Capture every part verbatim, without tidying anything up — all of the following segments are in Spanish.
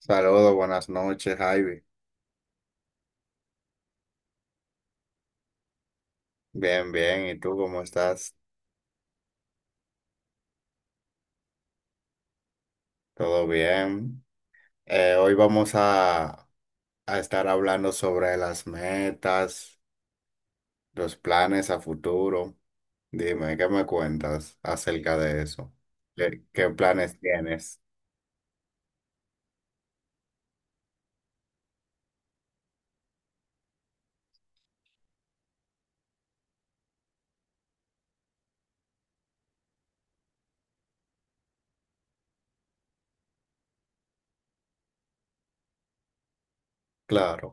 Saludos, buenas noches, Ivy. Bien, bien. ¿Y tú cómo estás? ¿Todo bien? Eh, hoy vamos a, a estar hablando sobre las metas, los planes a futuro. Dime, ¿qué me cuentas acerca de eso? ¿Qué, qué planes tienes? Claro.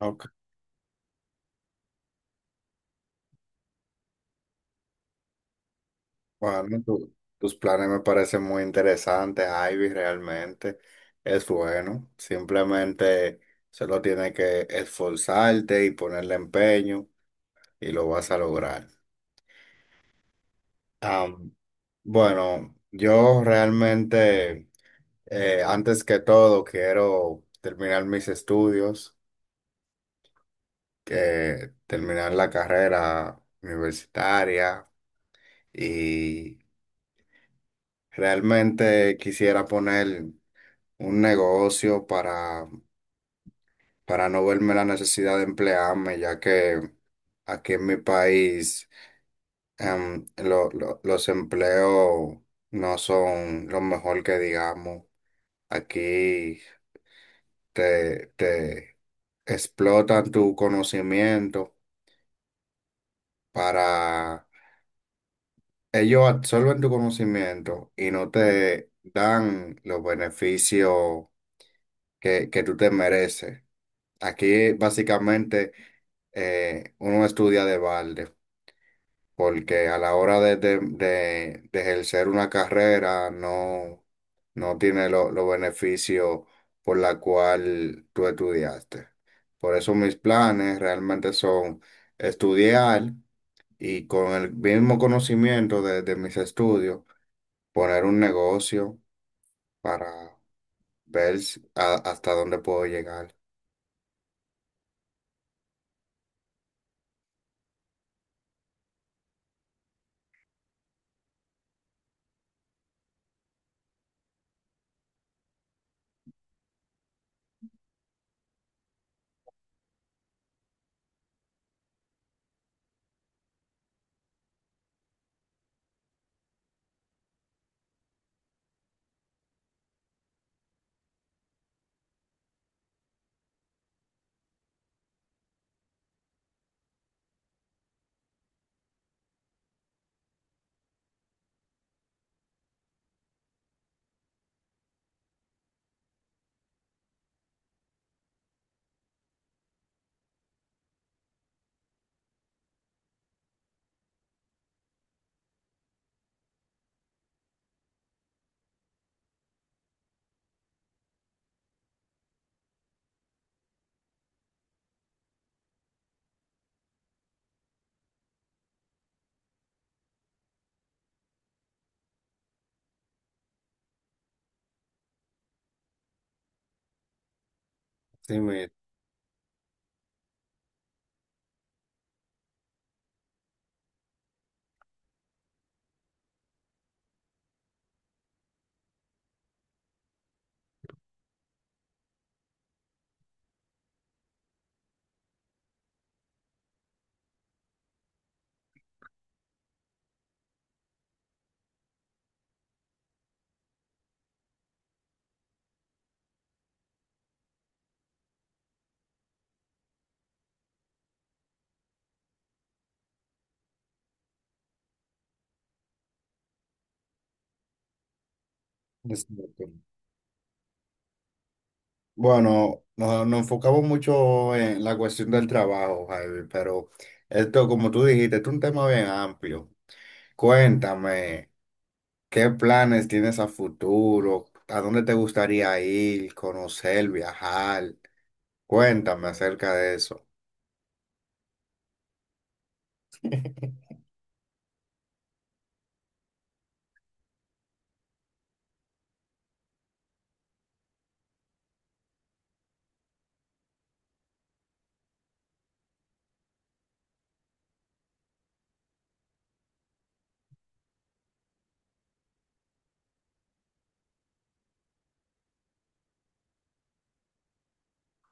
Ok. Bueno, tu- tus planes me parecen muy interesantes, Ivy, realmente. Es bueno. Simplemente solo tienes que esforzarte y ponerle empeño y lo vas a lograr. Am, bueno, yo realmente, eh, antes que todo, quiero terminar mis estudios, que terminar la carrera universitaria y realmente quisiera poner un negocio para para no verme la necesidad de emplearme, ya que aquí en mi país em, lo- lo- los empleos no son lo mejor que digamos. Aquí te, te explotan tu conocimiento para ellos absorben tu conocimiento y no te dan los beneficios que, que tú te mereces. Aquí básicamente eh, uno estudia de balde, porque a la hora de, de- de- de ejercer una carrera no, no tiene lo- los beneficios por la cual tú estudiaste. Por eso mis planes realmente son estudiar y con el mismo conocimiento de, de mis estudios, poner un negocio para ver si- a- hasta dónde puedo llegar. Sí, mi- exacto. Bueno, no- nos enfocamos mucho en la cuestión del trabajo, Javi, pero esto, como tú dijiste, es un tema bien amplio. Cuéntame, ¿qué planes tienes a futuro? ¿A dónde te gustaría ir, conocer, viajar? Cuéntame acerca de eso.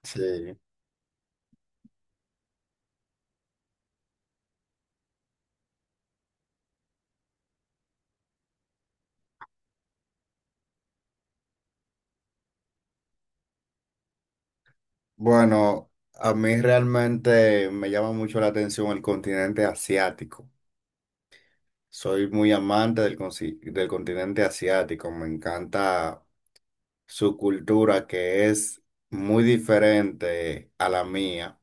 Sí. Bueno, a mí realmente me llama mucho la atención el continente asiático. Soy muy amante del, consi- del continente asiático. Me encanta su cultura que es muy diferente a la mía.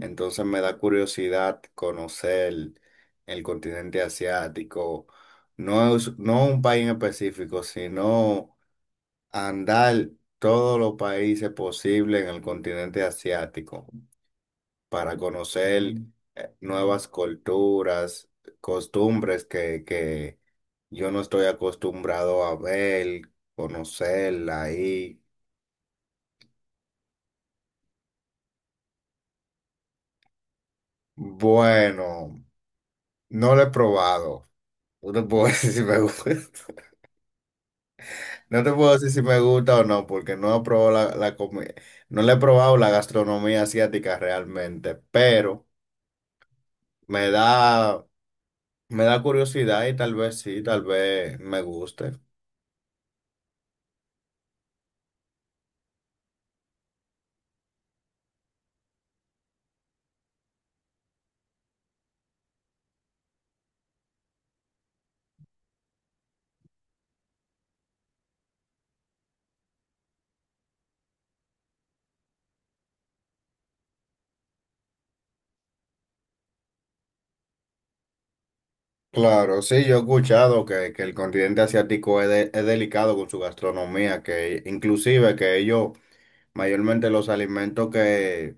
Entonces me da curiosidad conocer el continente asiático. No es, no un país en específico, sino andar todos los países posibles en el continente asiático para conocer eh, nuevas culturas, costumbres que, que yo no estoy acostumbrado a ver, conocerla ahí. Bueno, no lo he probado. No te puedo decir si me gusta. No te puedo decir si me gusta o no, porque no he probado la, la comi- No le he probado la gastronomía asiática realmente, pero me da me da curiosidad y tal vez sí, tal vez me guste. Claro, sí, yo he escuchado que, que el continente asiático es, de- es delicado con su gastronomía, que inclusive que ellos, mayormente los alimentos que,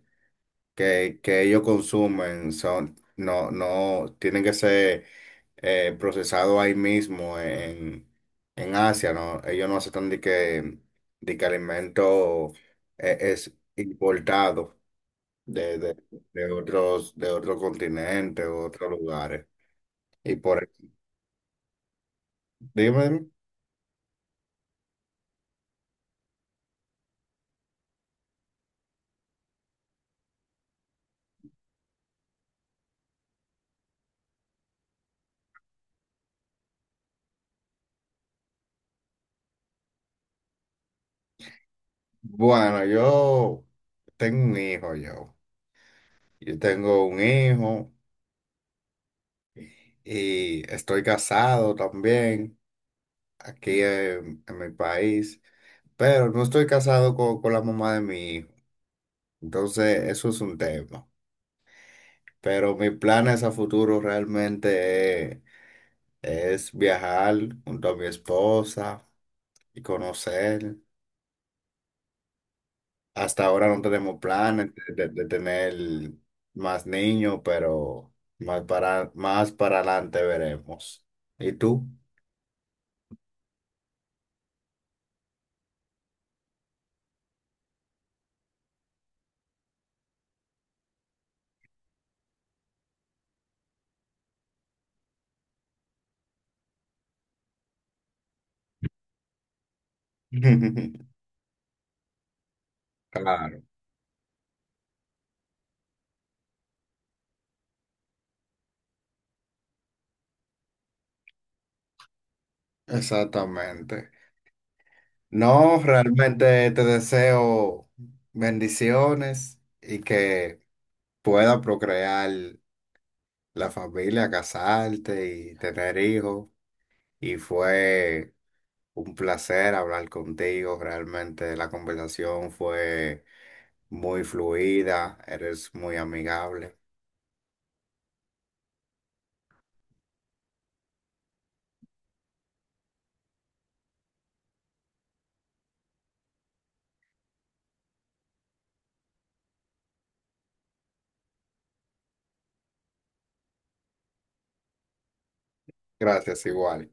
que, que ellos consumen son, no, no, tienen que ser eh, procesados ahí mismo en, en Asia, ¿no? Ellos no aceptan de que, de que alimento eh, es importado. de, de, de otros, de otro continente, otros lugares. Y por e, Dime, bueno, yo tengo un hijo yo. Yo tengo un hijo y estoy casado también aquí en, en mi país, pero no estoy casado con, con la mamá de mi hijo. Entonces, eso es un tema. Pero mis planes a futuro realmente es, es viajar junto a mi esposa y conocer. Hasta ahora no tenemos planes de, de- de tener más niños, pero más para, más para adelante veremos. ¿Y tú? Claro. Exactamente. No, realmente te deseo bendiciones y que pueda procrear la familia, casarte y tener hijos. Y fue un placer hablar contigo. Realmente la conversación fue muy fluida, eres muy amigable. Gracias, igual.